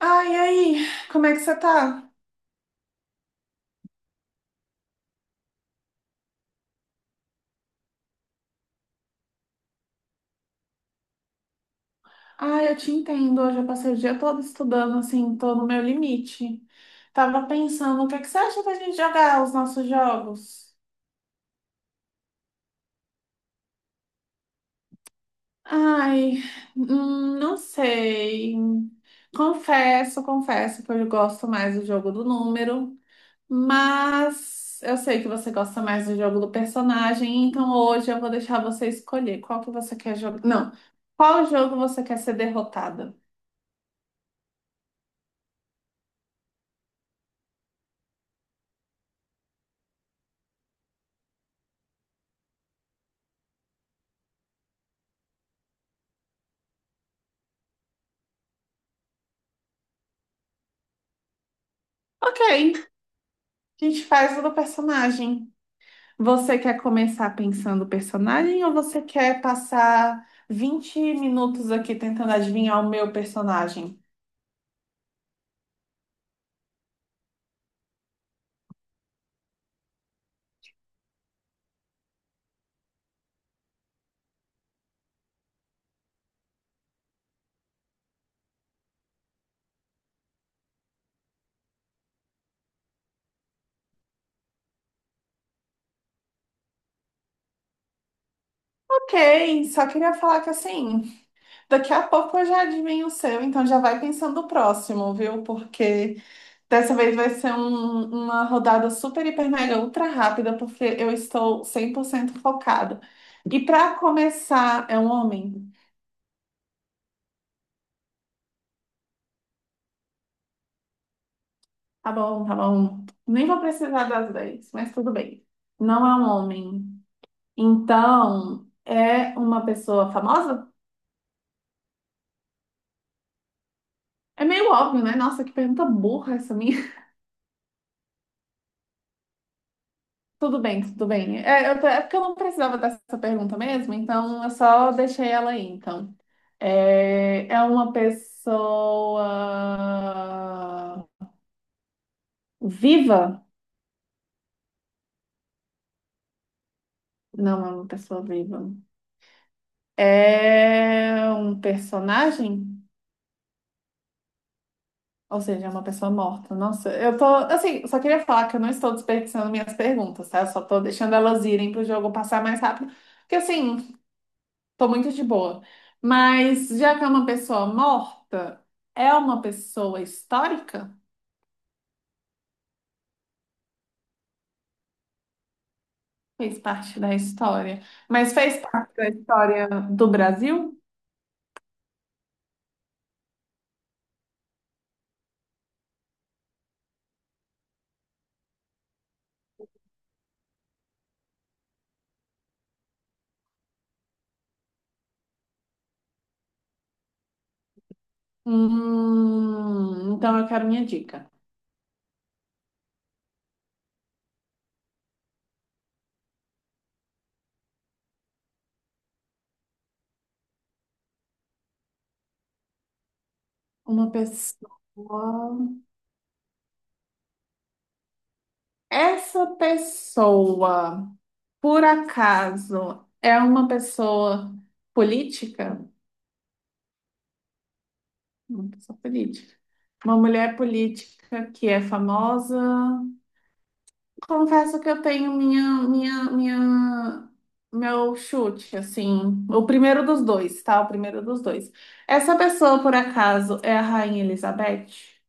Ai, aí, como é que você tá? Ai, eu te entendo. Hoje eu passei o dia todo estudando, assim, tô no meu limite. Tava pensando, o que é que você acha da gente jogar os nossos jogos? Ai, não sei. Confesso que eu gosto mais do jogo do número, mas eu sei que você gosta mais do jogo do personagem, então hoje eu vou deixar você escolher qual que você quer jogar. Não, qual jogo você quer ser derrotada? Ok, a gente faz o do personagem. Você quer começar pensando o personagem ou você quer passar 20 minutos aqui tentando adivinhar o meu personagem? Ok, só queria falar que assim, daqui a pouco eu já adivinho o seu, então já vai pensando o próximo, viu? Porque dessa vez vai ser uma rodada super, hiper, mega, ultra rápida, porque eu estou 100% focado. E para começar, é um homem? Tá bom, tá bom. Nem vou precisar das 10, mas tudo bem. Não é um homem. Então, é uma pessoa famosa? É meio óbvio, né? Nossa, que pergunta burra essa minha. Tudo bem, tudo bem. É porque eu não precisava dessa pergunta mesmo, então eu só deixei ela aí, então. É uma pessoa viva? Não é uma pessoa viva. É um personagem? Ou seja, é uma pessoa morta. Nossa, eu tô. Assim, só queria falar que eu não estou desperdiçando minhas perguntas, tá? Eu só tô deixando elas irem pro jogo passar mais rápido. Porque, assim, tô muito de boa. Mas, já que é uma pessoa morta, é uma pessoa histórica? Fez parte da história. Mas fez parte da história do Brasil? Então eu quero minha dica. Uma pessoa. Essa pessoa. Por acaso é uma pessoa política? Uma pessoa política. Uma mulher política que é famosa. Confesso que eu tenho minha, minha, meu chute, assim. O primeiro dos dois, tá? O primeiro dos dois. Essa pessoa, por acaso, é a Rainha Elizabeth?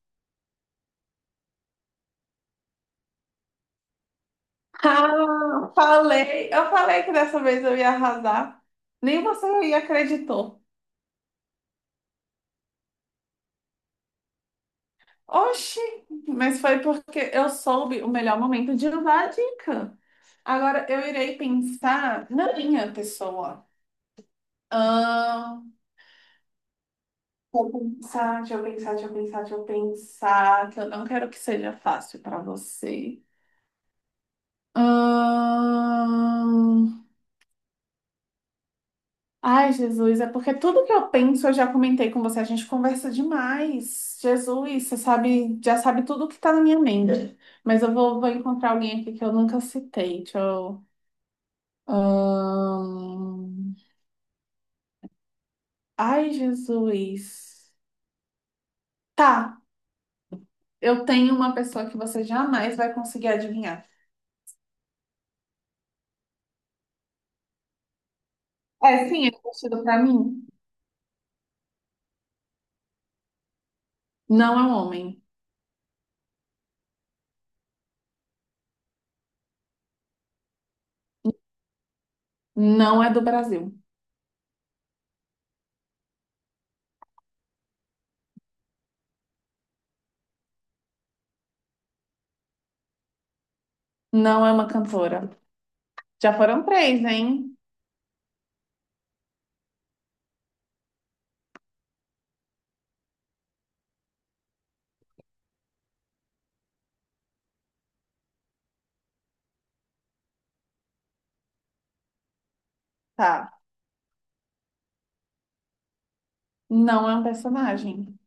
Ah, falei. Eu falei que dessa vez eu ia arrasar. Nem você acreditou. Oxi, mas foi porque eu soube o melhor momento de usar a dica. Agora eu irei pensar na minha pessoa. Ah, vou pensar, deixa eu pensar, deixa eu pensar, deixa eu pensar, que eu não quero que seja fácil para você. Ahn, Ai, Jesus, é porque tudo que eu penso eu já comentei com você, a gente conversa demais. Jesus, você sabe, já sabe tudo que tá na minha mente. Mas eu vou encontrar alguém aqui que eu nunca citei. Deixa eu Ahn, Ai, Jesus. Tá, eu tenho uma pessoa que você jamais vai conseguir adivinhar. É, sim, é conhecido pra mim. Não é um homem. Não é do Brasil. Não é uma cantora. Já foram três, hein? Tá. Não é um personagem.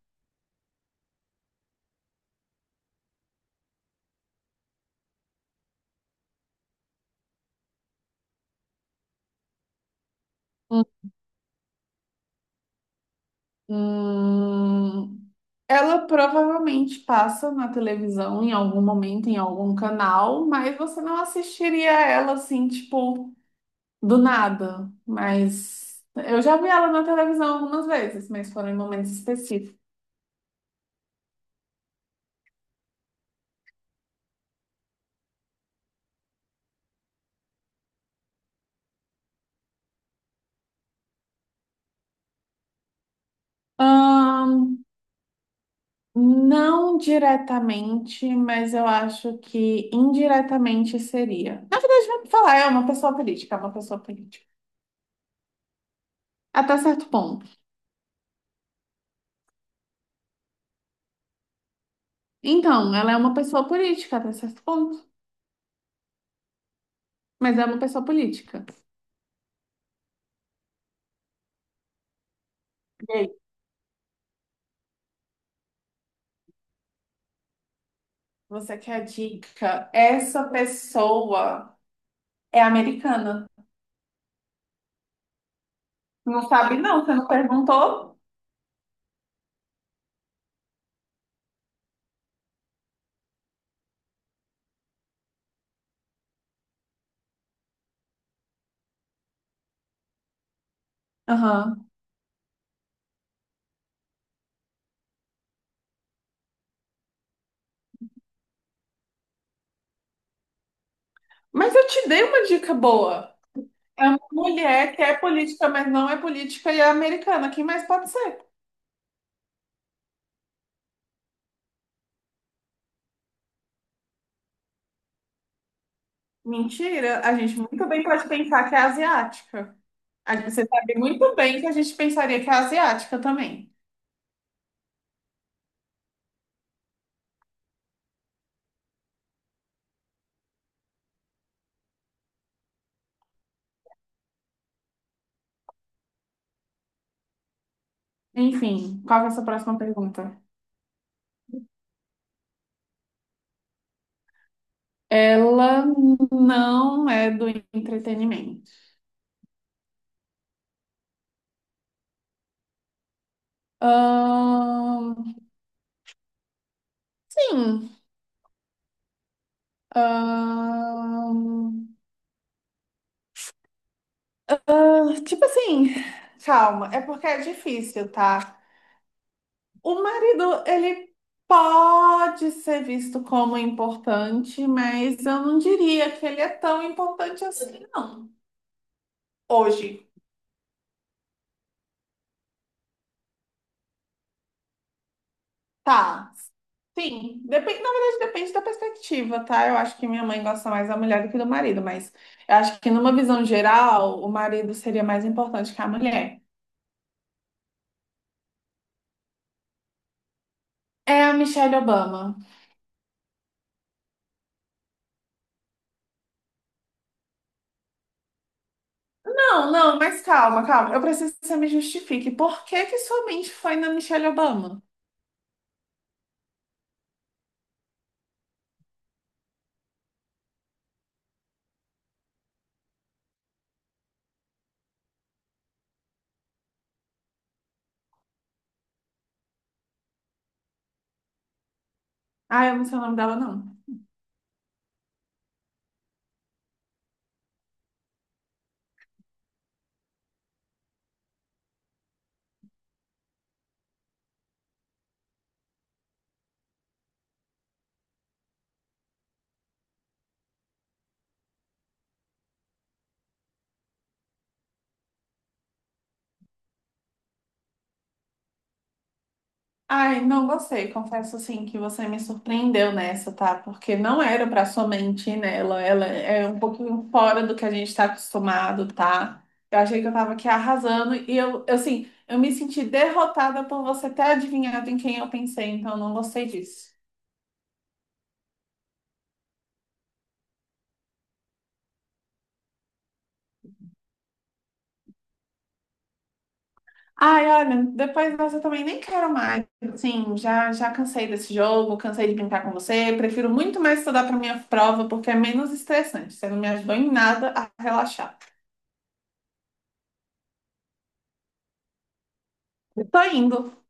Hum, Ela provavelmente passa na televisão em algum momento, em algum canal, mas você não assistiria ela assim, tipo, do nada, mas eu já vi ela na televisão algumas vezes, mas foram em momentos específicos. Ahn, não diretamente, mas eu acho que indiretamente seria. Na verdade, vamos falar, é uma pessoa política, é uma pessoa política. Até certo ponto. Então, ela é uma pessoa política até certo ponto, mas é uma pessoa política. E aí, você quer a dica? Essa pessoa é americana. Não sabe, não, você não perguntou? Aham. Mas eu te dei uma dica boa. É uma mulher que é política, mas não é política e é americana. Quem mais pode ser? Mentira, a gente muito bem pode pensar que é asiática. Você sabe muito bem que a gente pensaria que é asiática também. Enfim, qual que é a sua próxima pergunta? Ela não é do entretenimento. Ahn, sim. Ahn, ah, tipo assim, calma, é porque é difícil, tá? O marido, ele pode ser visto como importante, mas eu não diria que ele é tão importante assim, não. Hoje, tá. Sim, depende, na verdade depende da perspectiva, tá? Eu acho que minha mãe gosta mais da mulher do que do marido, mas eu acho que numa visão geral, o marido seria mais importante que a mulher. É a Michelle Obama. Não, não, mas calma, calma. Eu preciso que você me justifique. Por que que sua mente foi na Michelle Obama? Ah, eu não sei o nome dela, não. Ai, não gostei. Confesso assim que você me surpreendeu nessa, tá? Porque não era pra somente ir nela. Ela é um pouquinho fora do que a gente tá acostumado, tá? Eu achei que eu tava aqui arrasando e eu, assim, eu me senti derrotada por você ter adivinhado em quem eu pensei, então eu não gostei disso. Ai, olha, depois dessa eu também nem quero mais. Sim, já cansei desse jogo, cansei de brincar com você. Prefiro muito mais estudar para minha prova porque é menos estressante. Você não me ajudou em nada a relaxar. Eu tô indo.